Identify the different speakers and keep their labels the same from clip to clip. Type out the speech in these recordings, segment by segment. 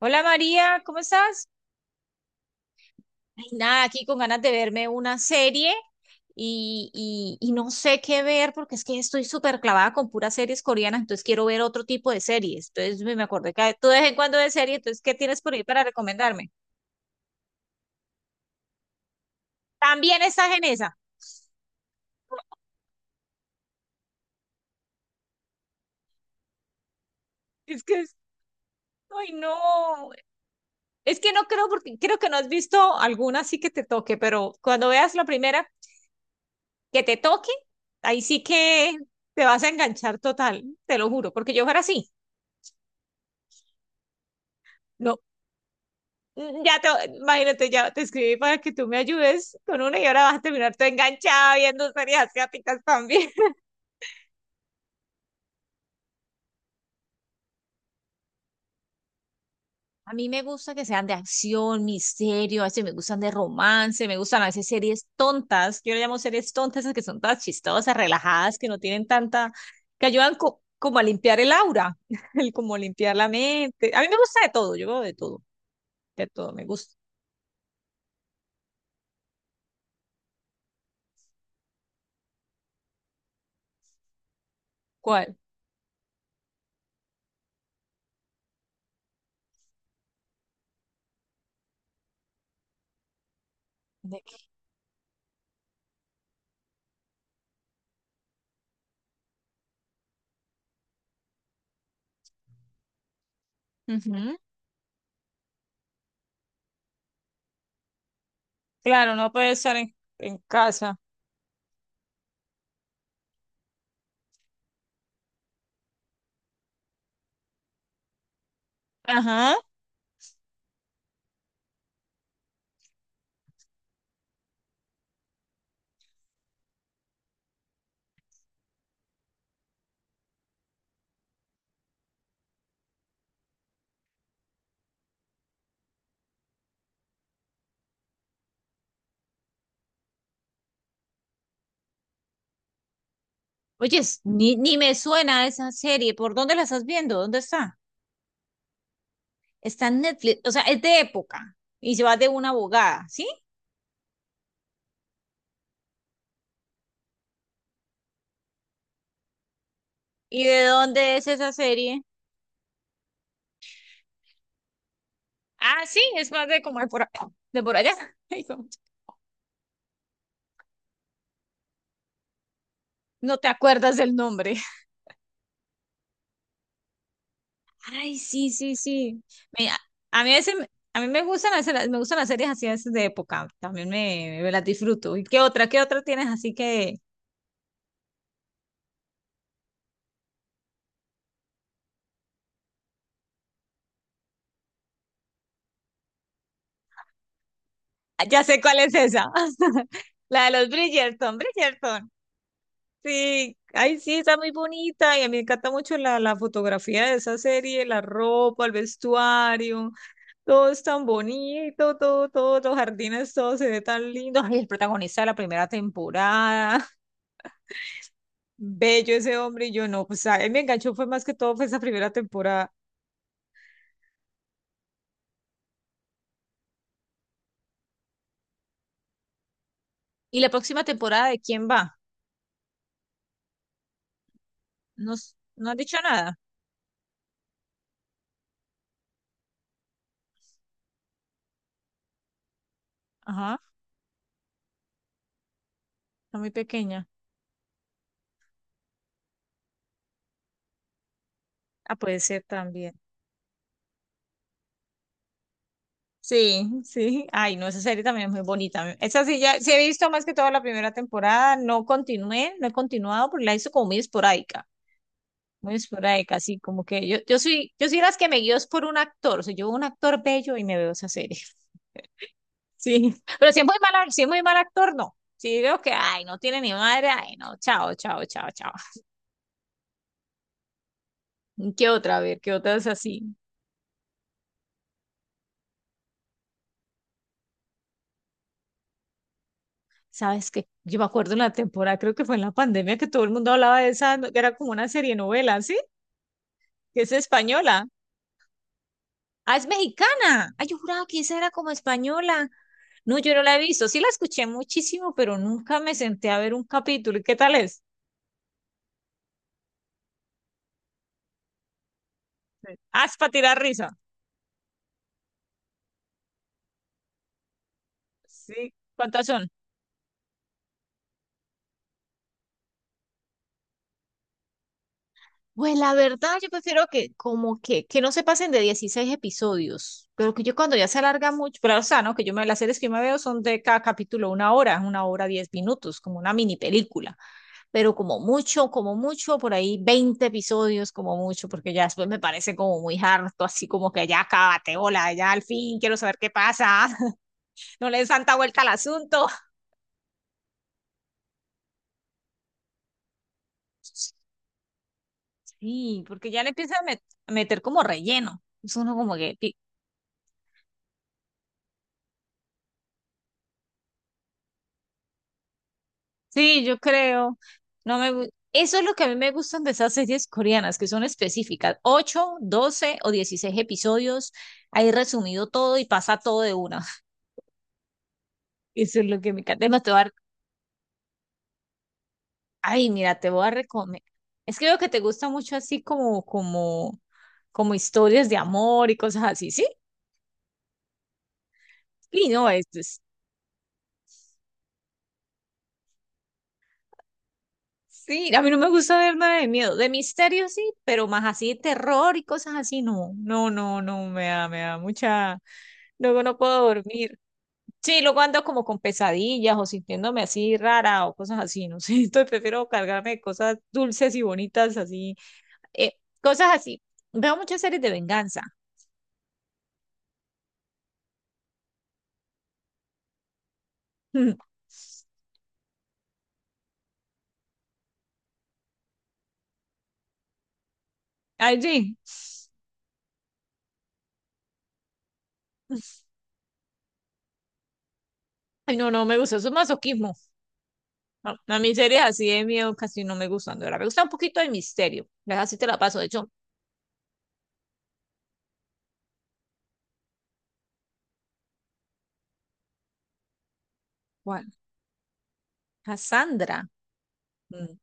Speaker 1: Hola María, ¿cómo estás? Ay, nada, aquí con ganas de verme una serie y no sé qué ver porque es que estoy súper clavada con puras series coreanas, entonces quiero ver otro tipo de series. Entonces me acordé que tú de vez en cuando ves serie, entonces ¿qué tienes por ahí para recomendarme? También estás en esa. Es que, es- ay no, es que no creo porque creo que no has visto alguna así que te toque, pero cuando veas la primera que te toque, ahí sí que te vas a enganchar total, te lo juro, porque yo fuera así. No, Mm, Ya te, imagínate, ya te escribí para que tú me ayudes con una y ahora vas a terminar todo enganchada viendo series asiáticas también. A mí me gusta que sean de acción, misterio, a veces me gustan de romance, me gustan a veces series tontas. Yo le llamo series tontas, esas que son todas chistosas, relajadas, que no tienen tanta, que ayudan como a limpiar el aura, el como limpiar la mente. A mí me gusta de todo, yo veo de todo, me gusta. ¿Cuál? ¿De qué? Ujú. Claro, no puede estar en casa. Ajá. Oye, ni me suena esa serie. ¿Por dónde la estás viendo? ¿Dónde está? Está en Netflix. O sea, es de época. Y se va de una abogada, ¿sí? ¿Y de dónde es esa serie? Ah, sí, es más de como de por allá. Ay, no no te acuerdas del nombre. Ay, sí, sí, sí. Mira, a mí a veces, a mí me gustan me gustan las series así a veces de época. También me las disfruto. ¿Y qué otra? ¿Qué otra tienes? Así que ah, ya sé cuál es esa. La de los Bridgerton, Bridgerton. Sí, ay, sí, está muy bonita y a mí me encanta mucho la fotografía de esa serie, la ropa, el vestuario, todo es tan bonito, todo, todo, los jardines, todo se ve tan lindo. Ay, el protagonista de la primera temporada, bello ese hombre y yo no, pues a él me enganchó fue más que todo fue esa primera temporada. ¿Y la próxima temporada de quién va? No, no han dicho nada. Ajá, está muy pequeña. Ah, puede ser también. Sí, sí. Ay, no, esa serie también es muy bonita. Esa sí, ya sí he visto más que toda la primera temporada. No continué, no he continuado, porque la hizo como muy esporádica. Muy esporádica, así como que yo soy las que me guío es por un actor. O sea, yo veo un actor bello y me veo esa serie. Sí. Pero si es muy mal, si es muy mal actor, no. Si veo que, ay, no tiene ni madre, ay, no, chao, chao, chao, chao. ¿Qué otra? A ver, ¿qué otra es así? Sabes que yo me acuerdo en la temporada, creo que fue en la pandemia, que todo el mundo hablaba de esa, que era como una serie novela, ¿sí? Que es española. Ah, es mexicana. Ay, yo juraba que esa era como española. No, yo no la he visto. Sí la escuché muchísimo, pero nunca me senté a ver un capítulo. ¿Y qué tal es? Ah, es para tirar risa. Sí. ¿Cuántas son? Pues la verdad, yo prefiero que como que no se pasen de 16 episodios. Pero que yo cuando ya se alarga mucho, pero o sea, ¿no? Que yo me las series que yo me veo son de cada capítulo una hora, 10 minutos, como una mini película. Pero como mucho, por ahí 20 episodios, como mucho, porque ya después me parece como muy harto, así como que ya acábate, hola, ya al fin quiero saber qué pasa, no le des tanta vuelta al asunto. Sí, porque ya le empieza a, met a meter como relleno. Es uno como que, pi- sí, yo creo, no me... gu- eso es lo que a mí me gustan de esas series coreanas, que son específicas, 8, 12 o 16 episodios, ahí resumido todo y pasa todo de una. Eso es lo que me encanta. Además, te voy a Ay, mira, te voy a recomendar. Es que veo que te gusta mucho así como historias de amor y cosas así, ¿sí? Sí, no, sí, a mí no me gusta ver nada de miedo, de misterio sí, pero más así de terror y cosas así, no, no, no, no, me da mucha, luego no puedo dormir. Sí, luego ando como con pesadillas o sintiéndome así rara o cosas así, no sé, entonces prefiero cargarme de cosas dulces y bonitas así, eh, cosas así. Veo muchas series de venganza. Ay, sí. Ay, no, no me gusta, eso es masoquismo. No, a mí series así de miedo casi no me gustan, de verdad. Me gusta un poquito de misterio. Ya así te la paso. De hecho, ¿cuál? Cassandra. Mm,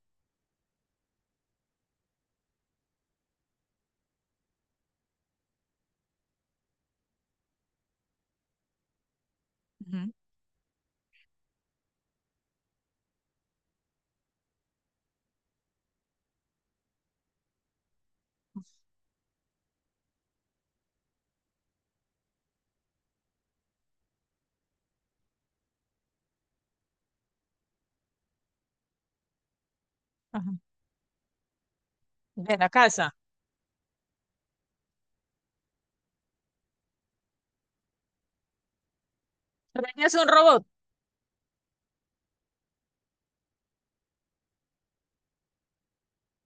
Speaker 1: ujú, ajá. De la casa. Pero ella es un robot.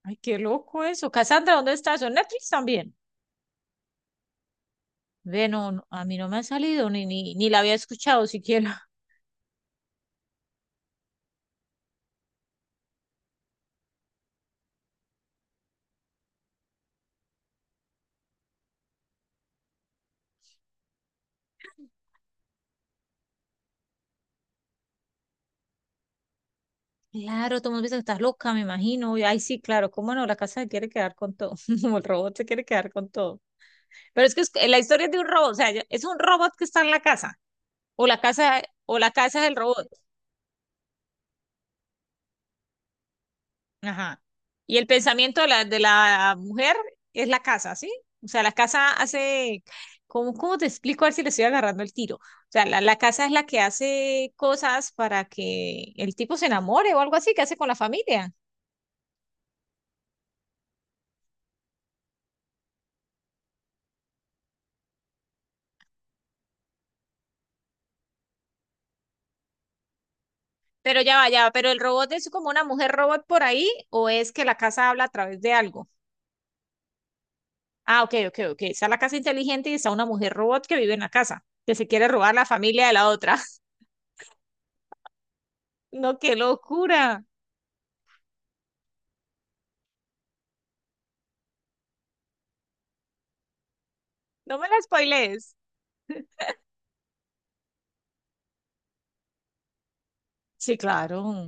Speaker 1: Ay, qué loco eso. Cassandra, ¿dónde está eso? ¿En Netflix también? Ve, no, no, a mí no me ha salido, ni, ni, ni la había escuchado siquiera. Claro, todo el mundo piensa que estás loca, me imagino. Y, ay, sí, claro, cómo no, la casa se quiere quedar con todo. Como el robot se quiere quedar con todo. Pero es que la historia es de un robot, o sea, es un robot que está en la casa. O la casa, o la casa es el robot. Ajá. Y el pensamiento de de la mujer es la casa, ¿sí? O sea, la casa hace, ¿cómo, cómo te explico? A ver si le estoy agarrando el tiro. O sea, la casa es la que hace cosas para que el tipo se enamore o algo así que hace con la familia. Pero ya va, pero el robot es como una mujer robot por ahí o es que la casa habla a través de algo. Ah, ok, ok, ok. Está la casa inteligente y está una mujer robot que vive en la casa, que se quiere robar la familia de la otra. No, qué locura. No me la spoilees. Sí, claro.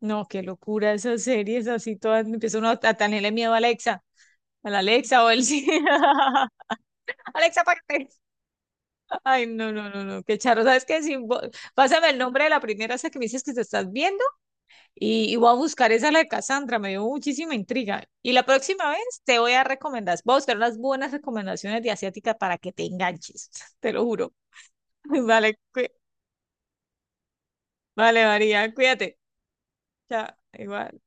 Speaker 1: No, qué locura esas series así todas. Empieza uno a tenerle miedo a Alexa, a la Alexa o el sí. Alexa, apágate. Ay, no, no, no, no, qué charro. ¿Sabes qué? Si pásame el nombre de la primera esa que me dices que te estás viendo y voy a buscar esa la de Cassandra. Me dio muchísima intriga. Y la próxima vez te voy a recomendar, voy a buscar unas buenas recomendaciones de asiática para que te enganches. Te lo juro. Vale, cuí- vale, María, cuídate. Chao, igual.